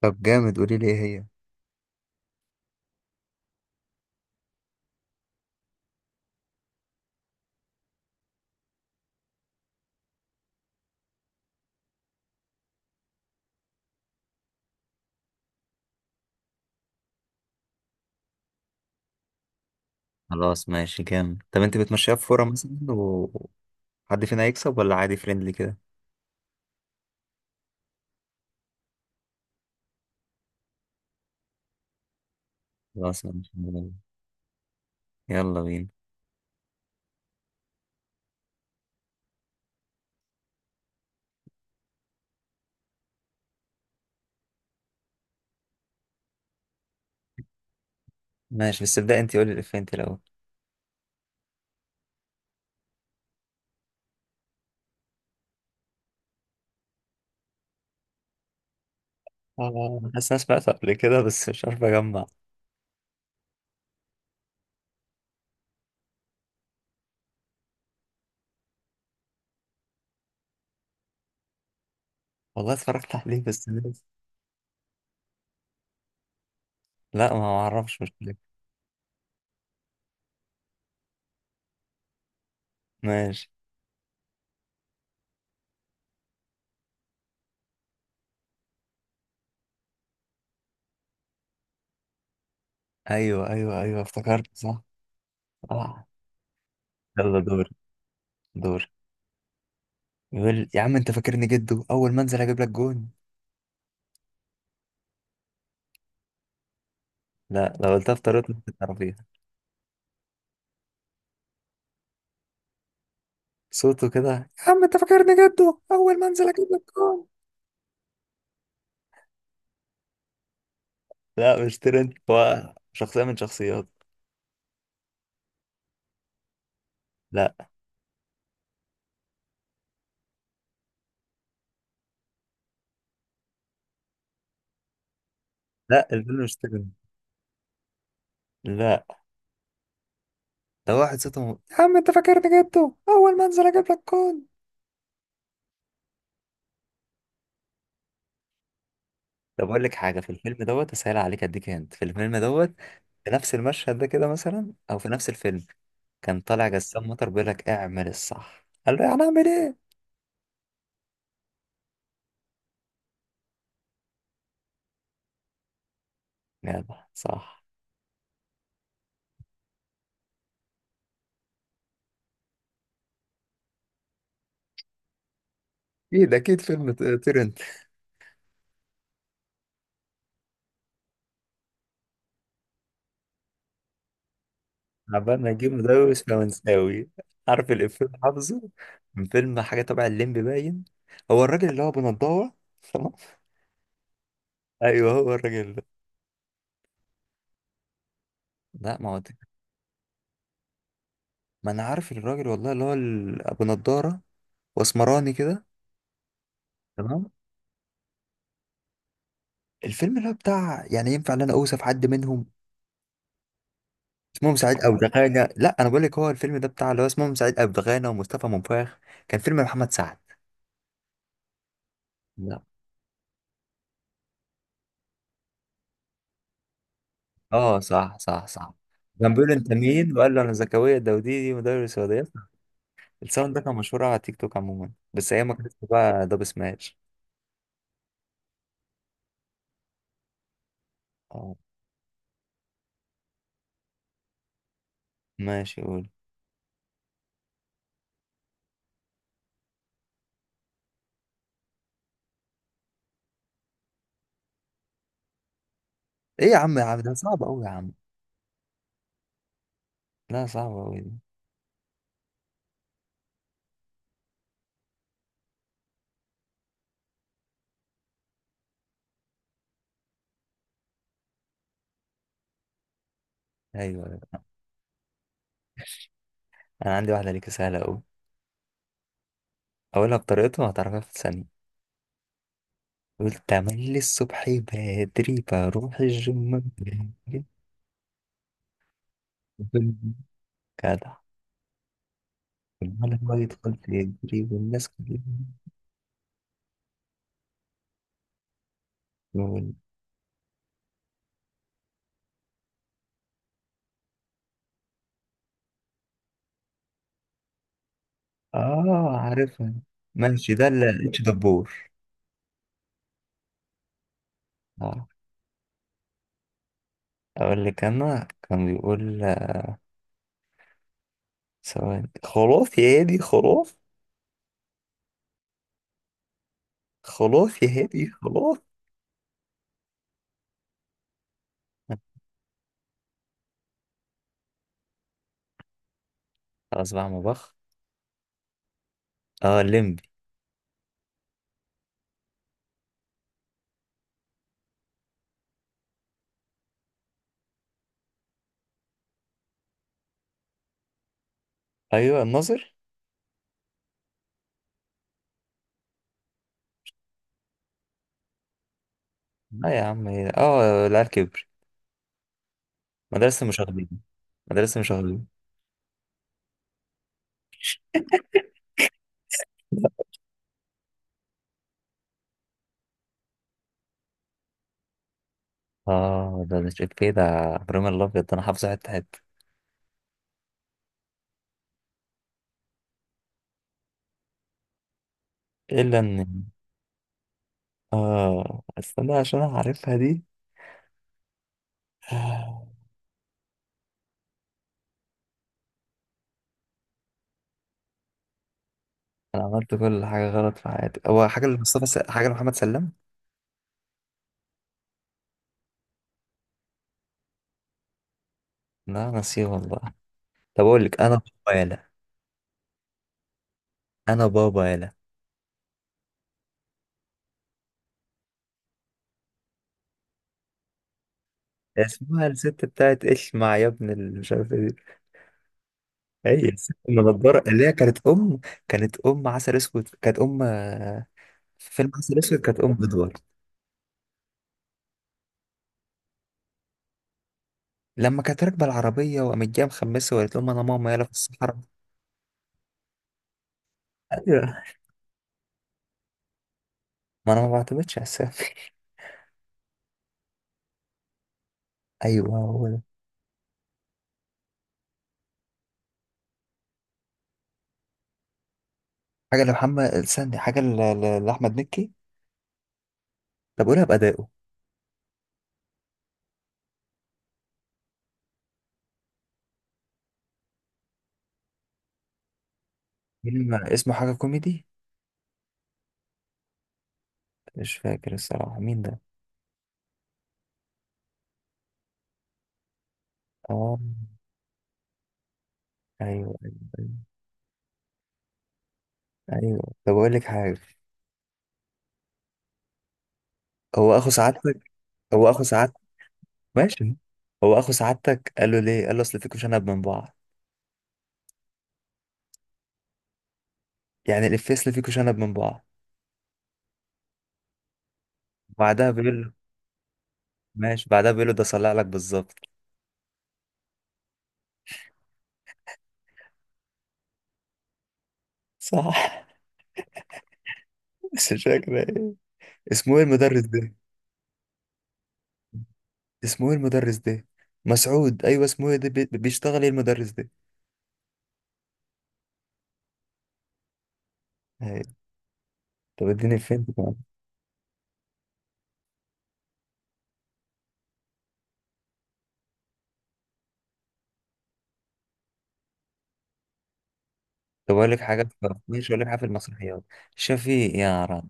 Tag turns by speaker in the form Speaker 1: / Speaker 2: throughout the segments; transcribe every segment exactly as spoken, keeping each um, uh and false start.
Speaker 1: طب جامد، قولي لي ايه هي. خلاص ماشي جامد. طب انت بتمشيها في فورة مثلا وحد فينا هيكسب ولا عادي فريندلي كده؟ خلاص ماشي، يلا بينا. ماشي بس ابدأ انت، قولي الإفيه انت الأول. آه، حاسس إن انا سمعته قبل كده بس مش عارف اجمع. والله اتفرجت عليه بس ناسي. لا ما اعرفش، مش فاكر. ماشي. ايوه ايوه ايوه، افتكرت صح. آه. يلا دور. دور. يقول يا عم انت فاكرني جدو، اول ما انزل هجيب لك جون. لا، لو قلتها في طريقتك تعرفيها. صوته كده، يا عم انت فاكرني جده اول ما انزل اجيب لك كام. لا مش ترند، هو شخصيه من شخصيات. لا لا الفيلم مش ترند. لا، ده واحد صوته م- يا عم انت فاكرني جده اول ما انزل اجيب لك كام. طب اقول لك حاجه في الفيلم دوت اسهل عليك، اديك هنت في الفيلم دوت. في نفس المشهد ده كده مثلا، او في نفس الفيلم. كان طالع جسام مطر بيقول لك اعمل الصح، قال له يعني اعمل ايه. يلا صح. اكيد اكيد فيلم ت- ترند. عبال ما نجيب مدوس فرنساوي. عارف الإفيه اللي حافظه من فيلم حاجة تبع الليمبي باين؟ هو الراجل اللي هو بنضارة تمام. أيوه هو الراجل ده. لا ما هو ده. ما أنا عارف الراجل والله، اللي هو ال- أبو نضارة وأسمراني كده. تمام. الفيلم اللي هو بتاع يعني، ينفع إن أنا أوصف حد منهم؟ اسمهم سعيد أبو دغانة. لا أنا بقول لك، هو الفيلم ده بتاع اللي هو اسمهم سعيد أبو دغانة ومصطفى منفاخ. كان فيلم محمد سعد. لا. اه صح صح صح. كان بيقول انت مين، وقال له انا زكريا الدوديدي مدرس رياضيات. الساوند ده كان مشهور على تيك توك عموما، بس ايام ما كان اسمه بقى دب سماش. اه. ماشي قول. ايه يا عم، يا عم ده صعب قوي يا عم. لا صعب قوي دي. ايوه أيوة. انا عندي واحده ليك سهله قوي. اقولها بطريقته، هتعرفها في ثانيه. قلت تملي الصبح بدري بروح الجيم بدري. جدع. المال هو يدخل في يجري والناس كلها تقول. اه عارفها. ماشي، ده اللي اتش دبور. اه اقول لك، انا كان بيقول ثواني خلاص يا هادي خلاص. خلاص يا هادي خلاص. خلاص بقى مبخ. اه الليمبي. ايوه الناظر. لا يا عم، هي اه العيال كبر. مدرسة المشاغبين. مدرسة المشاغبين. اه ده ده شكلي ده. ابراهيم الابيض، ده انا حافظه حته حته. الا ان. اه استنى عشان أنا عارفها دي. آه، انا عملت كل حاجه غلط في حياتي. هو حاجه لمصطفى س... حاجه لمحمد سلام. لا نسيه والله. طب اقول لك انا، بابا يالا. انا بابا يالا. اسمها الست بتاعت ايش مع يا ابن ال- مش عارف ايه دي. هي الست المنضرة اللي هي كانت ام. كانت ام عسل اسود، كانت ام آه، في فيلم عسل اسود كانت ام ادوار. لما كانت راكبه العربيه وقامت جايه مخمسه وقالت لهم انا ماما يلا في الصحراء. ايوه، ما انا ما بعتمدش على السامي. ايوه هو ده. حاجه لمحمد، استني حاجه ل- ل- لاحمد مكي. طب قولها بادائه. فيلم اسمه حاجه كوميدي. مش فاكر الصراحه مين ده. اه. ايوه ايوه ايوه أيوة. طب اقول لك حاجه. هو اخو سعادتك. هو اخو سعادتك. ماشي. هو اخو سعادتك، قال له ليه، قال له اصل فيكوا شنب من بعض. يعني الافيه اصل فيكوا شنب من بعض. بعدها بيقول له. ماشي، بعدها بيقول له ده صلع لك بالظبط. صح. بس مش فاكر ايه. اسمه ايه المدرس ده. اسمه ايه المدرس ده. مسعود، ايوه اسمه ايه ده بي- بيشتغل ايه المدرس ده. أيوة. طب اديني فين كمان. طب اقول لك حاجه في- ماشي اقول لك حاجه في المسرحيات. شفيق يا راجل.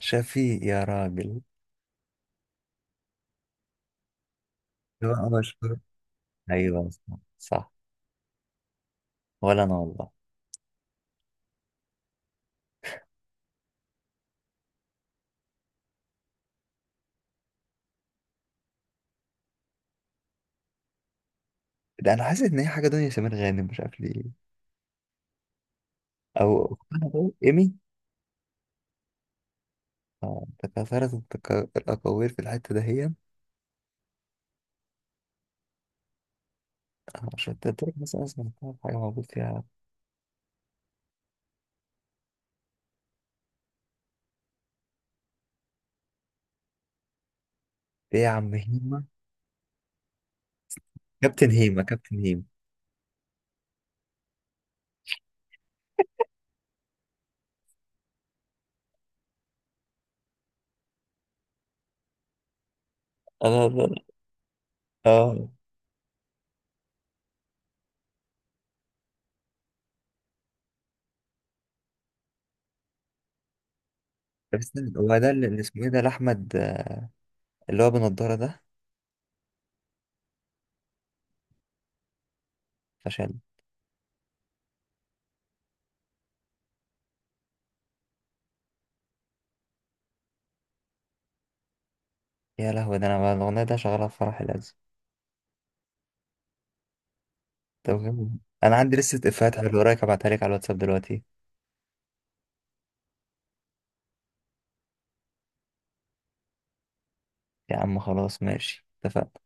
Speaker 1: شفيق يا راجل. هو انا مشهور؟ ايوه صح صح. ولا انا والله. ده انا حاسس ان هي حاجه دنيا سمير غانم، مش عارف ليه. او ايمي. آه، تكاثرت التكا- الاكاوير في الحته دهيا. آه، عشان تترك مثلا اسمها حاجه موجود فيها. ايه يا عم هيما. كابتن هيما. كابتن هيما. انا أنا- اه. طب استنى، هو ده اللي اللي اسمه ايه ده، لاحمد آه، اللي هو بنضاره ده. فشل. يا لهوي، ده انا بقى الاغنيه ده شغاله في فرح العز. طب جميل. انا عندي لسه افيهات حلوه وراك، ابعتها لك على الواتساب دلوقتي. يا عم خلاص ماشي، اتفقنا.